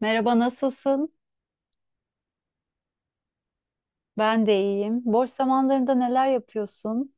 Merhaba, nasılsın? Ben de iyiyim. Boş zamanlarında neler yapıyorsun?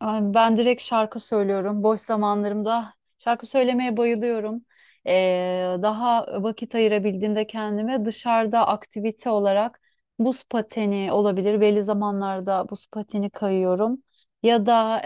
Ay, ben direkt şarkı söylüyorum. Boş zamanlarımda şarkı söylemeye bayılıyorum. Daha vakit ayırabildiğimde kendime dışarıda aktivite olarak buz pateni olabilir. Belli zamanlarda buz pateni kayıyorum. Ya da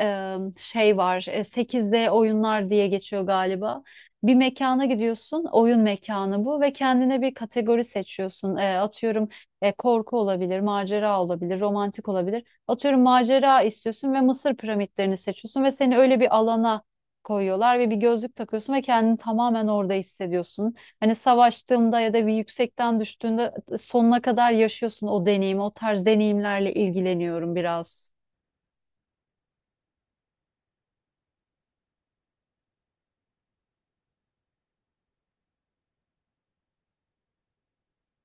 şey var, 8D oyunlar diye geçiyor galiba. Bir mekana gidiyorsun, oyun mekanı bu ve kendine bir kategori seçiyorsun. Atıyorum korku olabilir, macera olabilir, romantik olabilir. Atıyorum macera istiyorsun ve Mısır piramitlerini seçiyorsun ve seni öyle bir alana koyuyorlar ve bir gözlük takıyorsun ve kendini tamamen orada hissediyorsun. Hani savaştığında ya da bir yüksekten düştüğünde sonuna kadar yaşıyorsun o deneyimi. O tarz deneyimlerle ilgileniyorum biraz.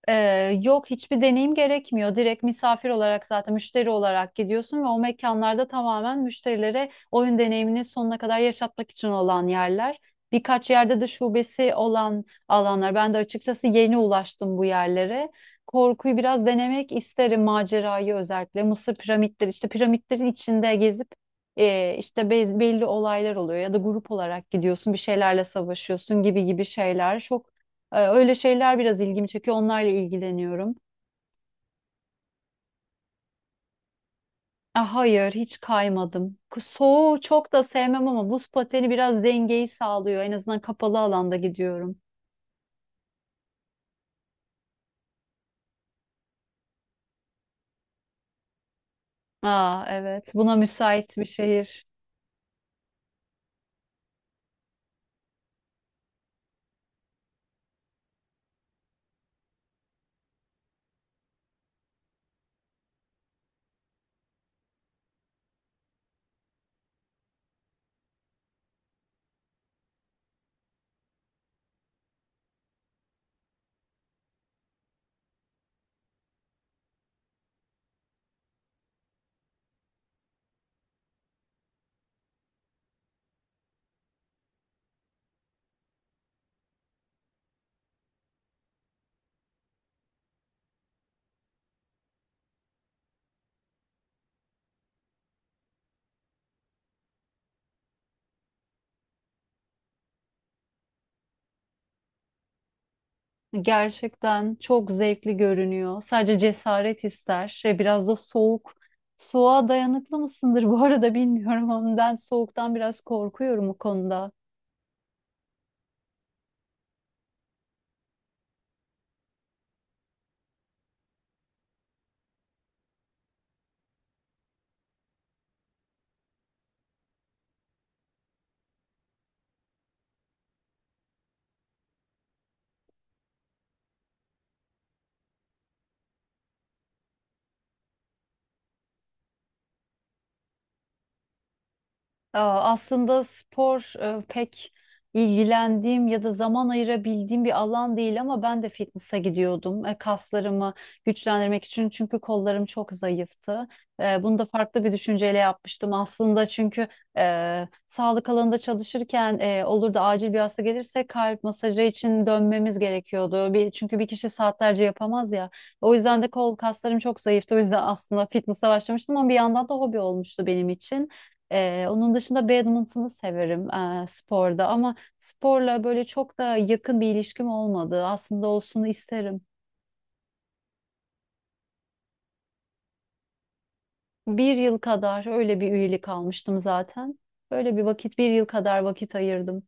Yok, hiçbir deneyim gerekmiyor. Direkt misafir olarak, zaten müşteri olarak gidiyorsun ve o mekanlarda tamamen müşterilere oyun deneyimini sonuna kadar yaşatmak için olan yerler. Birkaç yerde de şubesi olan alanlar. Ben de açıkçası yeni ulaştım bu yerlere. Korkuyu biraz denemek isterim, macerayı özellikle. Mısır piramitleri işte, piramitlerin içinde gezip işte belli olaylar oluyor ya da grup olarak gidiyorsun, bir şeylerle savaşıyorsun gibi gibi şeyler. Çok öyle şeyler biraz ilgimi çekiyor. Onlarla ilgileniyorum. Ah, hayır, hiç kaymadım. Soğuğu çok da sevmem ama buz pateni biraz dengeyi sağlıyor. En azından kapalı alanda gidiyorum. Aa, evet, buna müsait bir şehir. Gerçekten çok zevkli görünüyor. Sadece cesaret ister. Şey, biraz da soğuk. Soğuğa dayanıklı mısındır bu arada bilmiyorum ama ben soğuktan biraz korkuyorum o konuda. Aa, aslında spor pek ilgilendiğim ya da zaman ayırabildiğim bir alan değil ama ben de fitness'a gidiyordum. E, Kaslarımı güçlendirmek için, çünkü kollarım çok zayıftı. E, Bunu da farklı bir düşünceyle yapmıştım aslında, çünkü sağlık alanında çalışırken olur da acil bir hasta gelirse kalp masajı için dönmemiz gerekiyordu. Bir, çünkü bir kişi saatlerce yapamaz ya. O yüzden de kol kaslarım çok zayıftı. O yüzden aslında fitness'a başlamıştım ama bir yandan da hobi olmuştu benim için. Onun dışında badminton'u severim sporda ama sporla böyle çok da yakın bir ilişkim olmadı. Aslında olsun isterim. Bir yıl kadar öyle bir üyelik almıştım zaten. Böyle bir vakit, bir yıl kadar vakit ayırdım.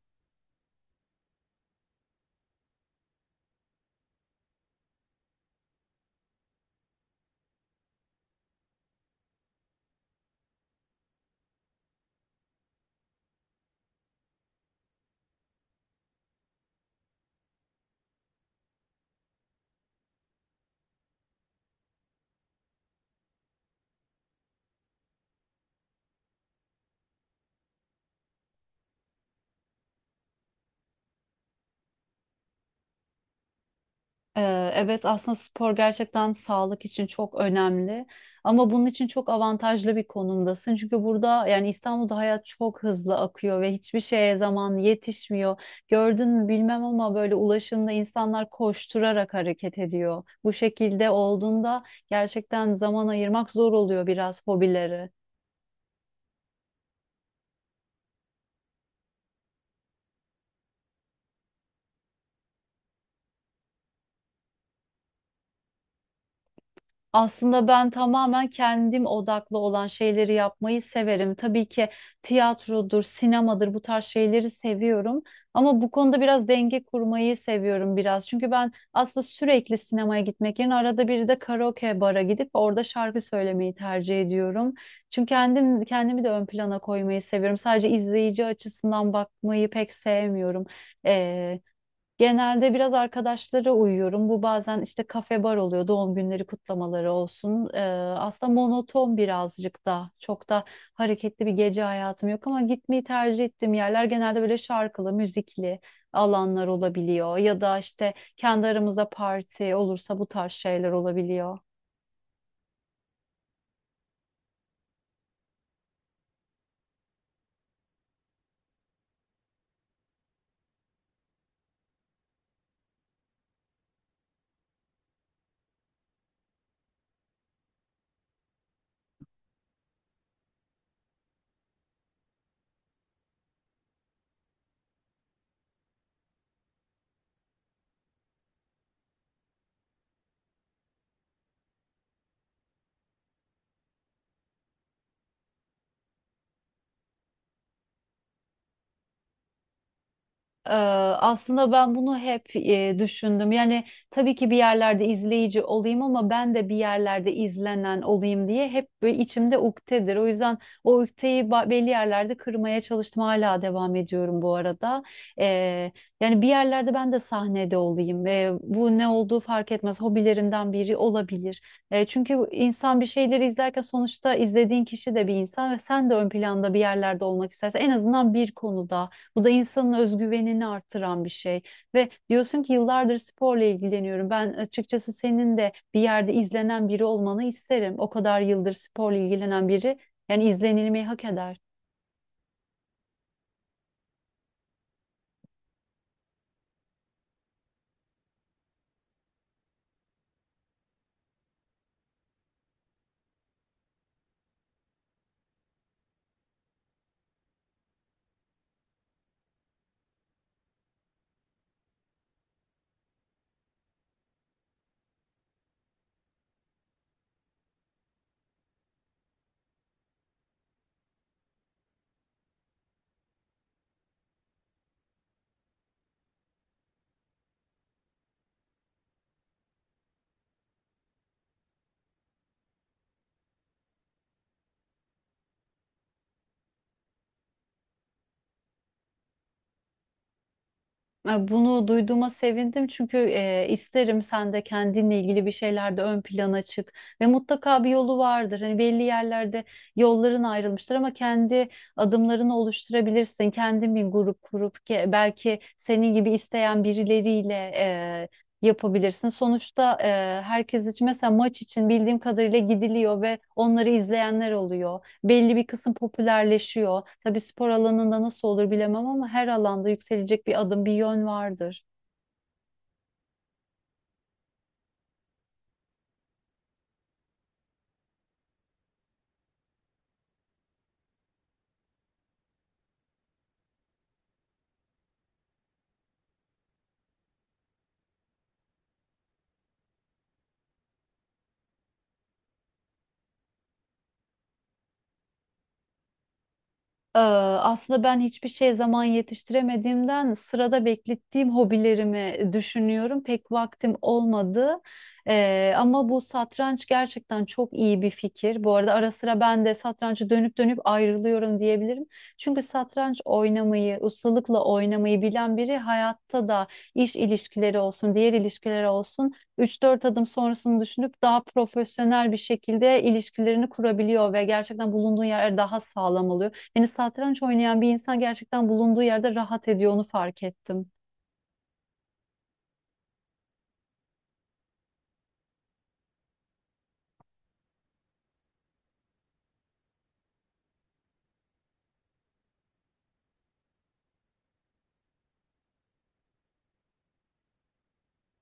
Evet, aslında spor gerçekten sağlık için çok önemli ama bunun için çok avantajlı bir konumdasın. Çünkü burada, yani İstanbul'da hayat çok hızlı akıyor ve hiçbir şeye zaman yetişmiyor. Gördün mü bilmem ama böyle ulaşımda insanlar koşturarak hareket ediyor. Bu şekilde olduğunda gerçekten zaman ayırmak zor oluyor biraz hobileri. Aslında ben tamamen kendim odaklı olan şeyleri yapmayı severim. Tabii ki tiyatrodur, sinemadır, bu tarz şeyleri seviyorum. Ama bu konuda biraz denge kurmayı seviyorum biraz. Çünkü ben aslında sürekli sinemaya gitmek yerine arada bir de karaoke bara gidip orada şarkı söylemeyi tercih ediyorum. Çünkü kendim kendimi de ön plana koymayı seviyorum. Sadece izleyici açısından bakmayı pek sevmiyorum. Genelde biraz arkadaşlara uyuyorum. Bu bazen işte kafe bar oluyor, doğum günleri kutlamaları olsun. Aslında monoton birazcık da. Çok da hareketli bir gece hayatım yok ama gitmeyi tercih ettiğim yerler genelde böyle şarkılı, müzikli alanlar olabiliyor. Ya da işte kendi aramızda parti olursa bu tarz şeyler olabiliyor. Ee, Aslında ben bunu hep düşündüm. Yani tabii ki bir yerlerde izleyici olayım ama ben de bir yerlerde izlenen olayım diye hep böyle içimde ukdedir. O yüzden o ukdeyi belli yerlerde kırmaya çalıştım. Hala devam ediyorum bu arada. Ee, Yani bir yerlerde ben de sahnede olayım. Bu ne olduğu fark etmez. Hobilerimden biri olabilir. Çünkü insan bir şeyleri izlerken, sonuçta izlediğin kişi de bir insan ve sen de ön planda bir yerlerde olmak istersen en azından bir konuda. Bu da insanın özgüvenini artıran bir şey. Ve diyorsun ki yıllardır sporla ilgileniyorum. Ben açıkçası senin de bir yerde izlenen biri olmanı isterim. O kadar yıldır sporla ilgilenen biri yani izlenilmeyi hak eder. E, Bunu duyduğuma sevindim, çünkü isterim sen de kendinle ilgili bir şeylerde ön plana çık ve mutlaka bir yolu vardır. Hani belli yerlerde yolların ayrılmıştır ama kendi adımlarını oluşturabilirsin. Kendin bir grup kurup belki senin gibi isteyen birileriyle yapabilirsin. Sonuçta herkes için mesela maç için bildiğim kadarıyla gidiliyor ve onları izleyenler oluyor, belli bir kısım popülerleşiyor. Tabii spor alanında nasıl olur bilemem ama her alanda yükselecek bir adım, bir yön vardır. Aslında ben hiçbir şey zaman yetiştiremediğimden sırada beklettiğim hobilerimi düşünüyorum. Pek vaktim olmadı. Ama bu satranç gerçekten çok iyi bir fikir. Bu arada ara sıra ben de satrançı dönüp dönüp ayrılıyorum diyebilirim. Çünkü satranç oynamayı, ustalıkla oynamayı bilen biri hayatta da iş ilişkileri olsun, diğer ilişkiler olsun üç dört adım sonrasını düşünüp daha profesyonel bir şekilde ilişkilerini kurabiliyor ve gerçekten bulunduğun yer daha sağlam oluyor. Hani satranç oynayan bir insan gerçekten bulunduğu yerde rahat ediyor, onu fark ettim.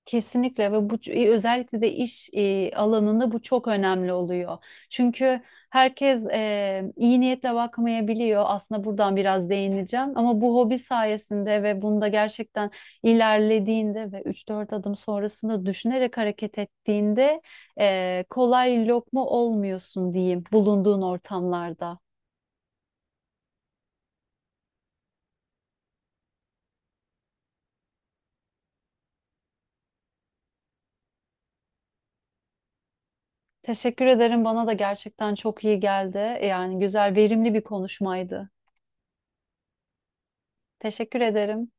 Kesinlikle, ve bu özellikle de iş alanında bu çok önemli oluyor. Çünkü herkes iyi niyetle bakmayabiliyor. Aslında buradan biraz değineceğim ama bu hobi sayesinde ve bunda gerçekten ilerlediğinde ve üç dört adım sonrasında düşünerek hareket ettiğinde kolay lokma olmuyorsun diyeyim, bulunduğun ortamlarda. Teşekkür ederim. Bana da gerçekten çok iyi geldi. Yani güzel, verimli bir konuşmaydı. Teşekkür ederim.